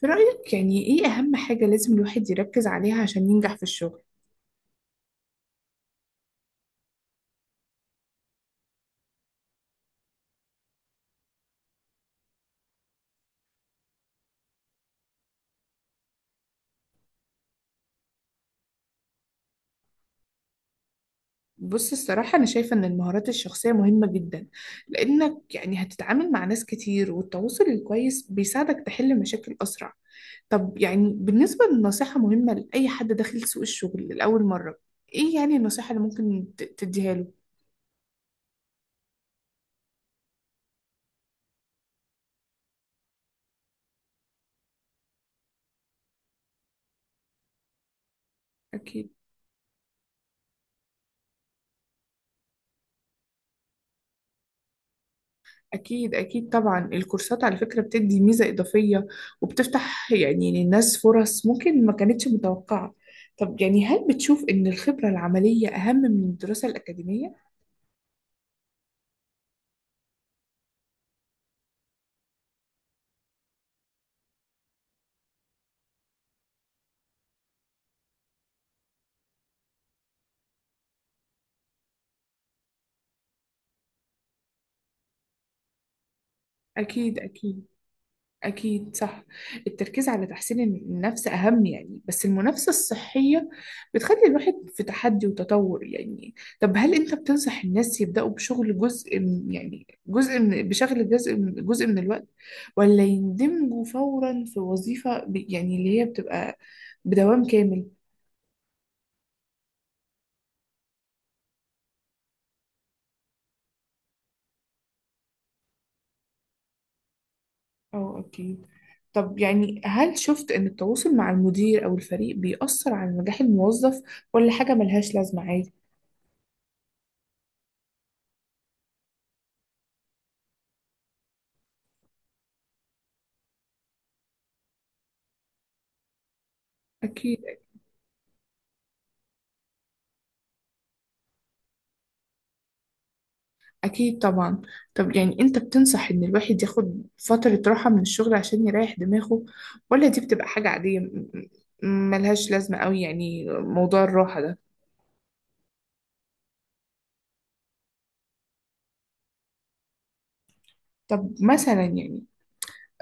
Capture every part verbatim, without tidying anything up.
في رأيك يعني إيه أهم حاجة لازم الواحد يركز عليها عشان ينجح في الشغل؟ بص الصراحة أنا شايفة إن المهارات الشخصية مهمة جدا، لأنك يعني هتتعامل مع ناس كتير والتواصل الكويس بيساعدك تحل مشاكل أسرع. طب يعني بالنسبة للنصيحة مهمة لأي حد داخل سوق الشغل لأول مرة، إيه يعني النصيحة اللي ممكن ت- تديها له؟ أكيد. أكيد أكيد طبعا، الكورسات على فكرة بتدي ميزة إضافية وبتفتح يعني للناس فرص ممكن ما كانتش متوقعة. طب يعني هل بتشوف إن الخبرة العملية أهم من الدراسة الأكاديمية؟ أكيد أكيد. أكيد صح. التركيز على تحسين النفس أهم يعني، بس المنافسة الصحية بتخلي الواحد في تحدي وتطور يعني. طب هل أنت بتنصح الناس يبدأوا بشغل جزء من- يعني جزء من بشغل جزء من جزء من الوقت، ولا يندمجوا فورا في وظيفة ب- يعني اللي هي بتبقى بدوام كامل؟ أه أكيد. طب يعني هل شفت إن التواصل مع المدير أو الفريق بيأثر على نجاح الموظف ولا حاجة ملهاش لازمة عادي؟ أكيد أكيد طبعا. طب يعني أنت بتنصح إن الواحد ياخد فترة راحة من الشغل عشان يريح دماغه، ولا دي بتبقى حاجة عادية م- م- ملهاش لازمة أوي يعني موضوع الراحة ده؟ طب مثلا يعني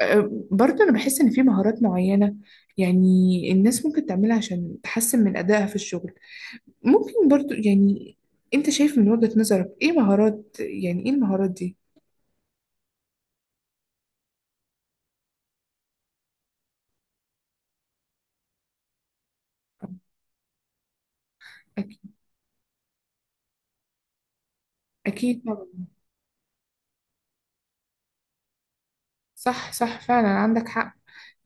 آه، برضه أنا بحس إن في مهارات معينة يعني الناس ممكن تعملها عشان تحسن من أدائها في الشغل، ممكن برضه يعني أنت شايف من وجهة نظرك إيه مهارات، يعني إيه المهارات دي؟ أكيد أكيد. صح صح فعلا عندك حق.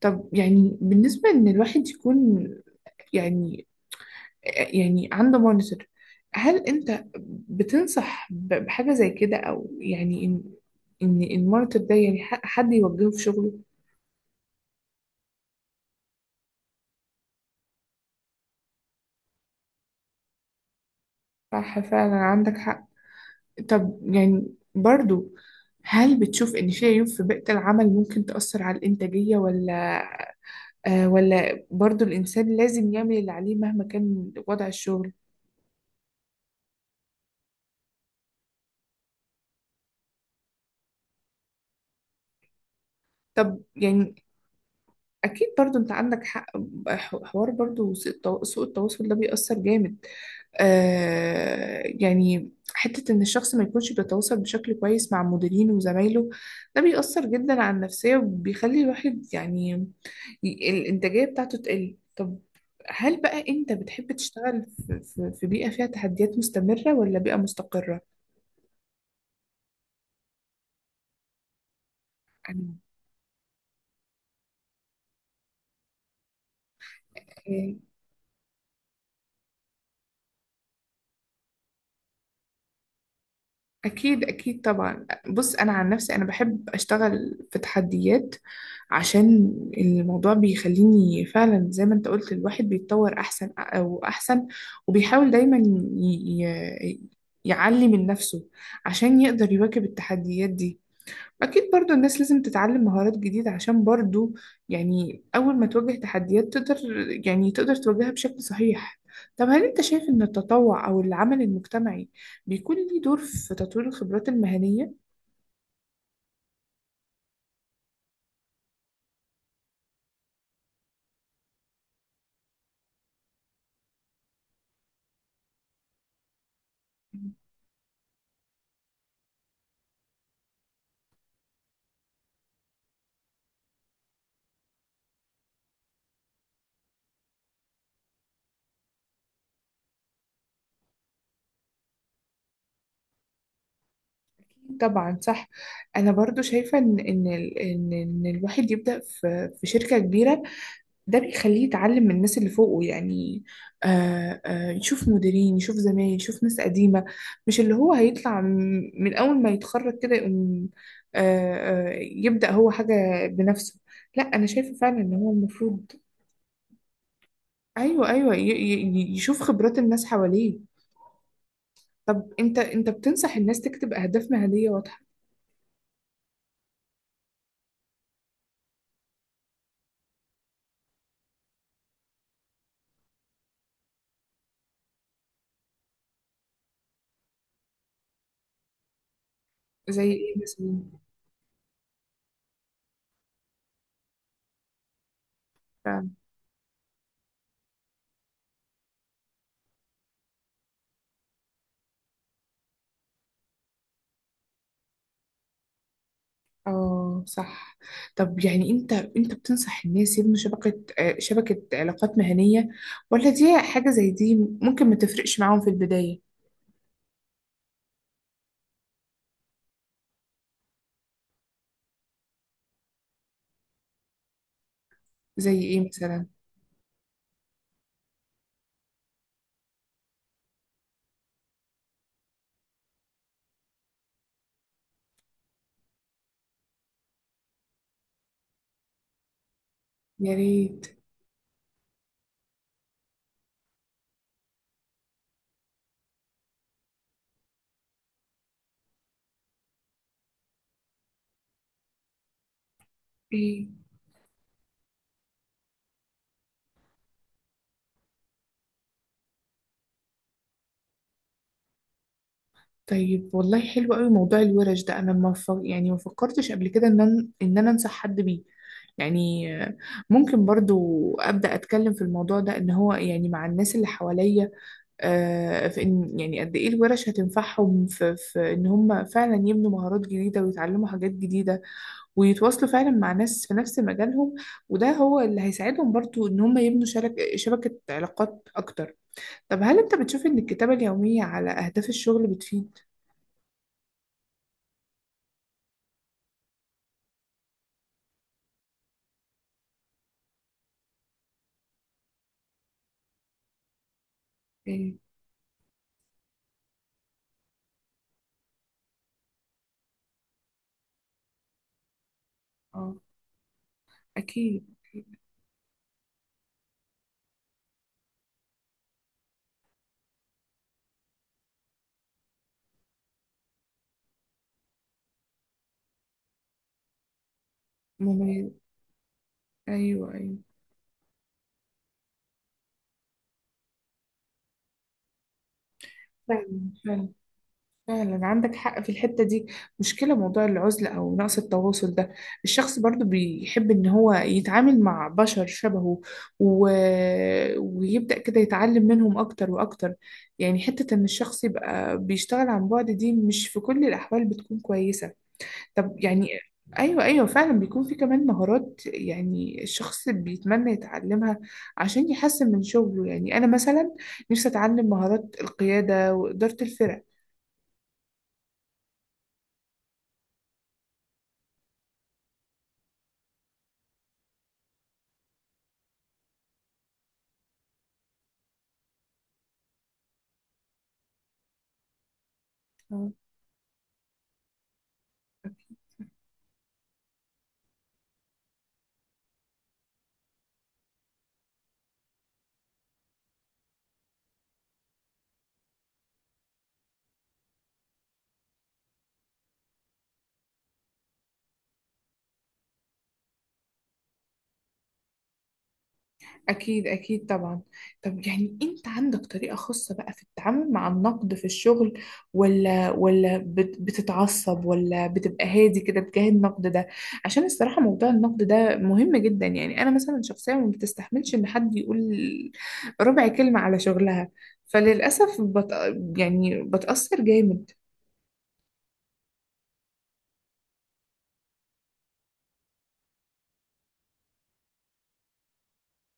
طب يعني بالنسبة إن الواحد يكون يعني يعني عنده مونيتور، هل أنت بتنصح ب- بحاجة زي كده، أو يعني إن إن المونيتور ده يعني ح- حد يوجهه في شغله؟ صح فعلا عندك حق. طب يعني برضو هل بتشوف إن في عيوب في بيئة العمل ممكن تأثر على الإنتاجية، ولا آه ولا برضو الإنسان لازم يعمل اللي عليه مهما كان وضع الشغل؟ طب يعني اكيد برضو انت عندك حق، ح- حوار برضو سوء التو- سوء التواصل ده بيأثر جامد. آه يعني حتة ان الشخص ما يكونش بيتواصل بشكل كويس مع مديرينه وزمايله، ده بيأثر جدا على النفسية وبيخلي الواحد يعني ي- الانتاجية بتاعته تقل. طب هل بقى انت بتحب تشتغل في في- في بيئة فيها تحديات مستمرة ولا بيئة مستقرة؟ أنا. أكيد أكيد طبعا، بص أنا عن نفسي أنا بحب أشتغل في تحديات عشان الموضوع بيخليني فعلا زي ما أنت قلت الواحد بيتطور أحسن أو أحسن، وبيحاول دايما ي... ي... يعلي من نفسه عشان يقدر يواكب التحديات دي. أكيد برضو الناس لازم تتعلم مهارات جديدة عشان برضو يعني أول ما تواجه تحديات تقدر يعني تقدر تواجهها بشكل صحيح. طب هل أنت شايف إن التطوع أو العمل المجتمعي بيكون ليه دور في تطوير الخبرات المهنية؟ طبعا صح. أنا برضو شايفة إن إن ال- إن إن الواحد يبدأ في في شركة كبيرة، ده بيخليه يتعلم من الناس اللي فوقه يعني، آه آه يشوف مديرين يشوف زمايل يشوف ناس قديمة، مش اللي هو هيطلع من من أول ما يتخرج كده يقوم آه آه يبدأ هو حاجة بنفسه. لا أنا شايفة فعلا إن هو المفروض. أيوه أيوه ي- ي- يشوف خبرات الناس حواليه. طب أنت أنت بتنصح الناس تكتب أهداف مهنية واضحة. زي إيه مثلا؟ اه صح. طب يعني انت انت بتنصح الناس يبنوا شبكة آه، شبكة علاقات مهنية، ولا دي حاجة زي دي ممكن ما تفرقش معاهم في البداية؟ زي ايه مثلا؟ يا ريت. ايه؟ طيب والله حلو قوي موضوع الورش ده، انا ما ف... يعني ما فكرتش قبل كده ان انا ان انا انصح حد بيه، يعني آه، ممكن برضو ابدا اتكلم في الموضوع ده ان هو يعني مع الناس اللي حواليا، آه، في إن يعني قد إيه الورش هتنفعهم في, في إن هم فعلا يبنوا مهارات جديدة ويتعلموا حاجات جديدة ويتواصلوا فعلا مع ناس في نفس مجالهم، وده هو اللي هيساعدهم برضو إن هم يبنوا شبك شبكة علاقات أكتر. طب هل أنت بتشوف إن الكتابة اليومية على أهداف الشغل بتفيد؟ ايه. اه. أكيد. مميز. أيوه أيوه. فعلا فعلا. فعلا عندك حق في الحتة دي، مشكلة موضوع العزلة أو نقص التواصل ده، الشخص برضو بيحب إن هو يتعامل مع بشر شبهه، و... ويبدأ كده يتعلم منهم أكتر وأكتر، يعني حتة إن الشخص يبقى بيشتغل عن بعد دي مش في كل الأحوال بتكون كويسة. طب يعني أيوة أيوة فعلا، بيكون في كمان مهارات يعني الشخص بيتمنى يتعلمها عشان يحسن من شغله، يعني أنا مثلا نفسي أتعلم مهارات القيادة وإدارة الفرق. أكيد أكيد طبعا. طب يعني أنت عندك طريقة خاصة بقى في التعامل مع النقد في الشغل، ولا ولا بت- بتتعصب ولا بتبقى هادي كده تجاه النقد ده؟ عشان الصراحة موضوع النقد ده مهم جدا يعني، أنا مثلا شخصيا ما بتستحملش إن حد يقول ربع كلمة على شغلها، فللأسف بت... يعني بتأثر جامد.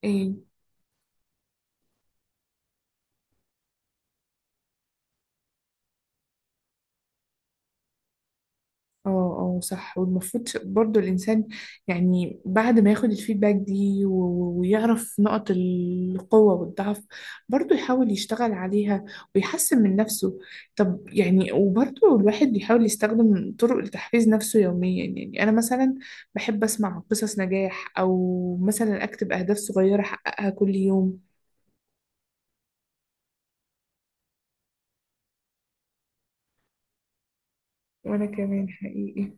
إيه؟ اه اه صح. والمفروض برضو الإنسان يعني بعد ما ياخد الفيدباك دي و- و- ويعرف نقط القوة والضعف برضو يحاول يشتغل عليها ويحسن من نفسه. طب يعني وبرضو الواحد بيحاول يستخدم طرق لتحفيز نفسه يوميا، يعني أنا مثلا بحب أسمع قصص نجاح أو مثلا أكتب أهداف صغيرة أحققها كل يوم. وأنا كمان حقيقي.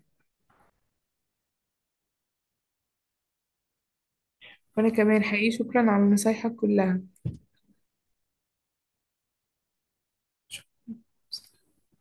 وأنا كمان حقيقي شكرا على نصايحك كلها.